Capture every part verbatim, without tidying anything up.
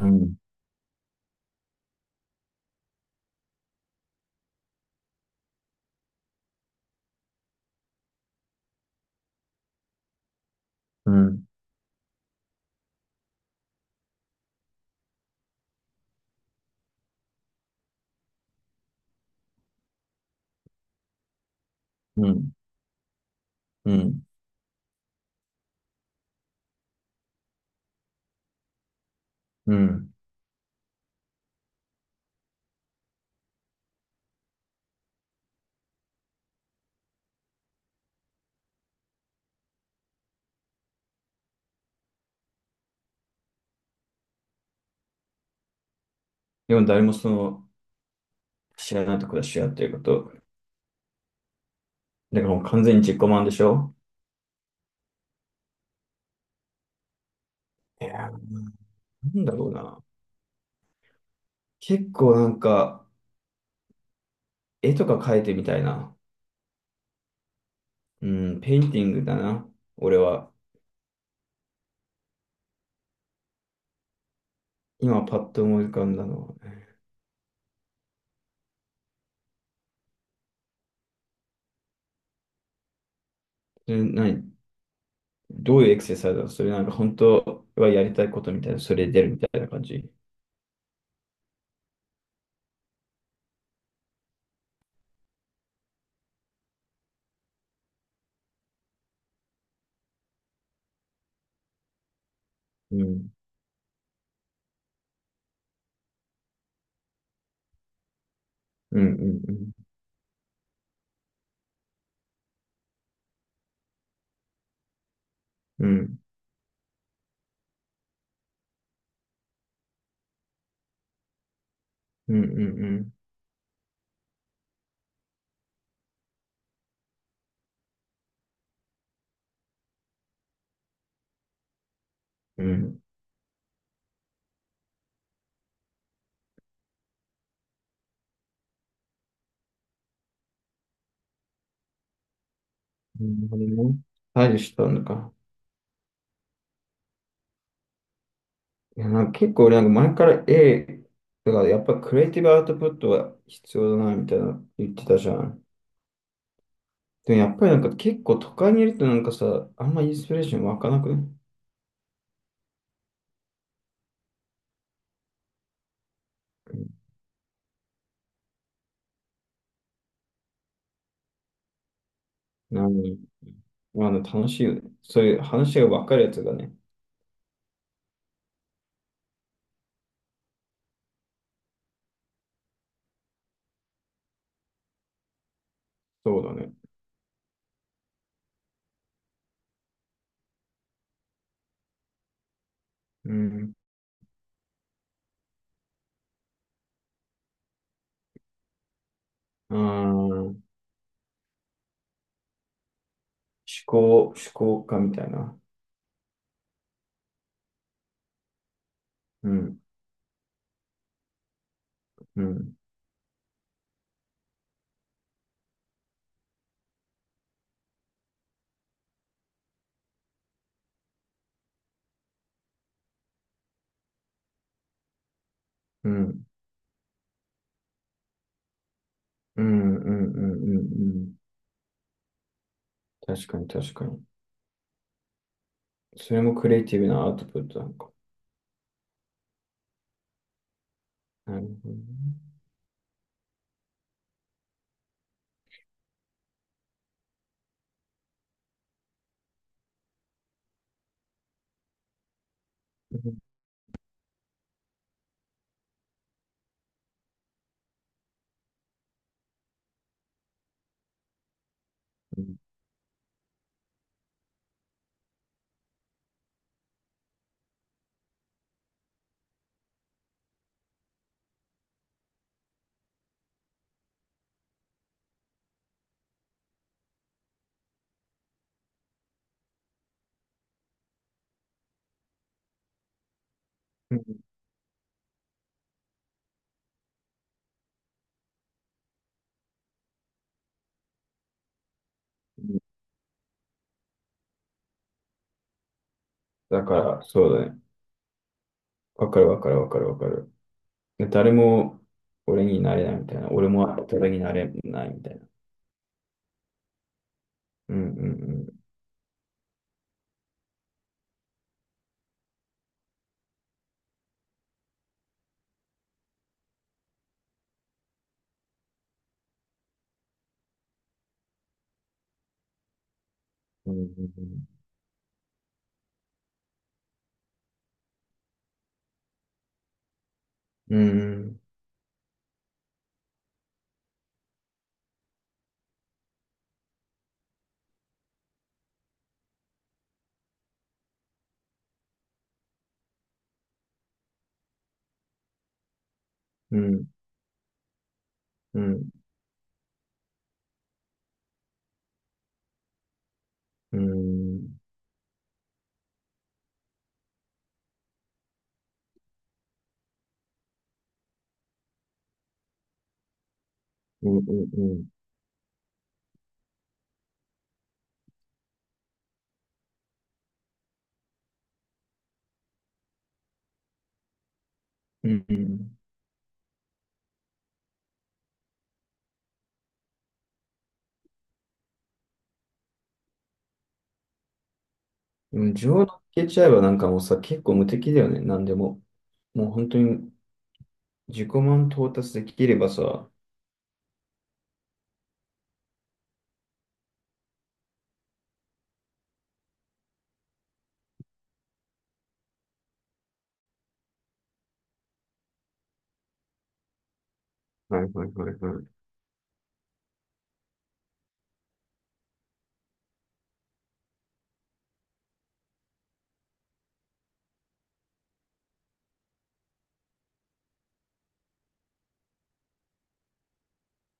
うん、うん、うん、うん、うん。でも誰もその知らないところで知らっていうこと。だからもう完全に自己満でしょ。いやー、なんだろうな。結構なんか、絵とか描いてみたいな。うん、ペインティングだな。俺は。今パッと思い浮かんだのは。それ何どういうエクササイズだろう？それなんか本当はやりたいことみたいな、それで出るみたいな感じ。うん、うん、うん、うん、うん、うん、うん、うん。うん、なるほどね。対処したのか。いや、なんか結構俺なんか前から A、だからやっぱクリエイティブアウトプットは必要だなみたいな言ってたじゃん。でもやっぱりなんか結構都会にいるとなんかさ、あんまインスピレーション湧かなくね？何まあ、あの楽しいよね。そういう話が分かるやつがね。そうだね。うん。あー、思考、思考家みたいな。うん、うん、うん、うん、うん、うん、うん、うん、確かに確かに。それもクリエイティブなアウトプットなのか。なるほどね。うん、うん、だからそうだね。わかるわかるわかるわかる。で誰も俺になれないみたいな。俺も誰になれないみたいな。うん、うん、うん、うん、うん、うん、うん、うん、うん、うん、うん、うん。上抜けちゃえばなんかもさ結構無敵だよね。なんでももう本当に自己満達達できればさ。はい、はい、はい、はい。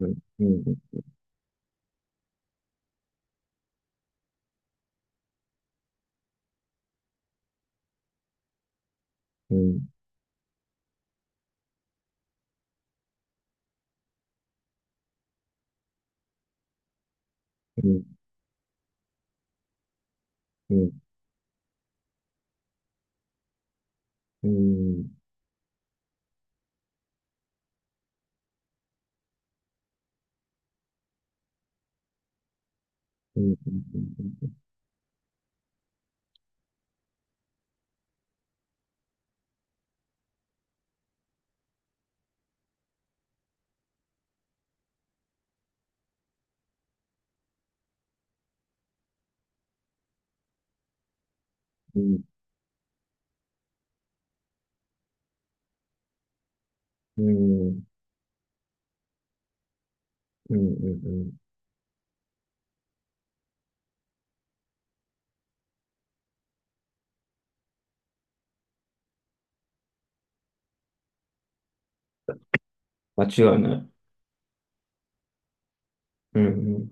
うん、うん、うん、うん、うん、うん、うん、うん、うん、うん、うん、うん、うん。間違いない。うん、うん。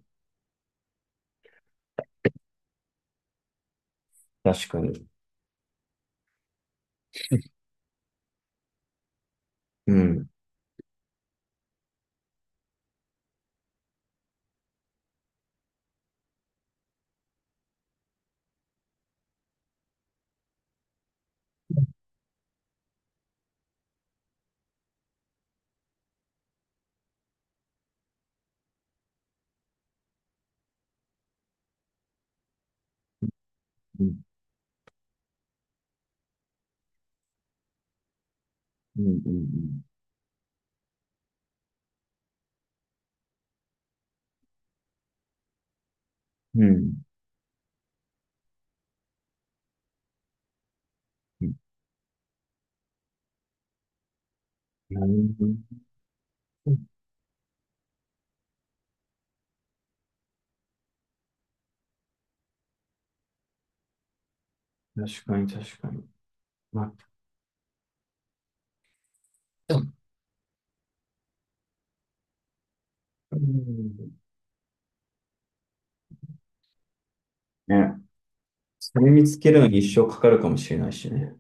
確かに。うん。うん。うん、うん、うん。うん。なるほど。確かに確かに。まあ、でも、うん、ね。それ見つけるのに一生かかるかもしれないしね。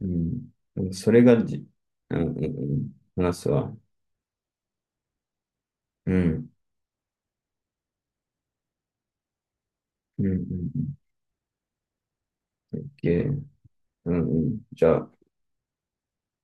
うん。うん、それがじ、うん、うん、うん。話すわ。うん。うん、うん、うん。オーケー。 うん、うん。じゃあ、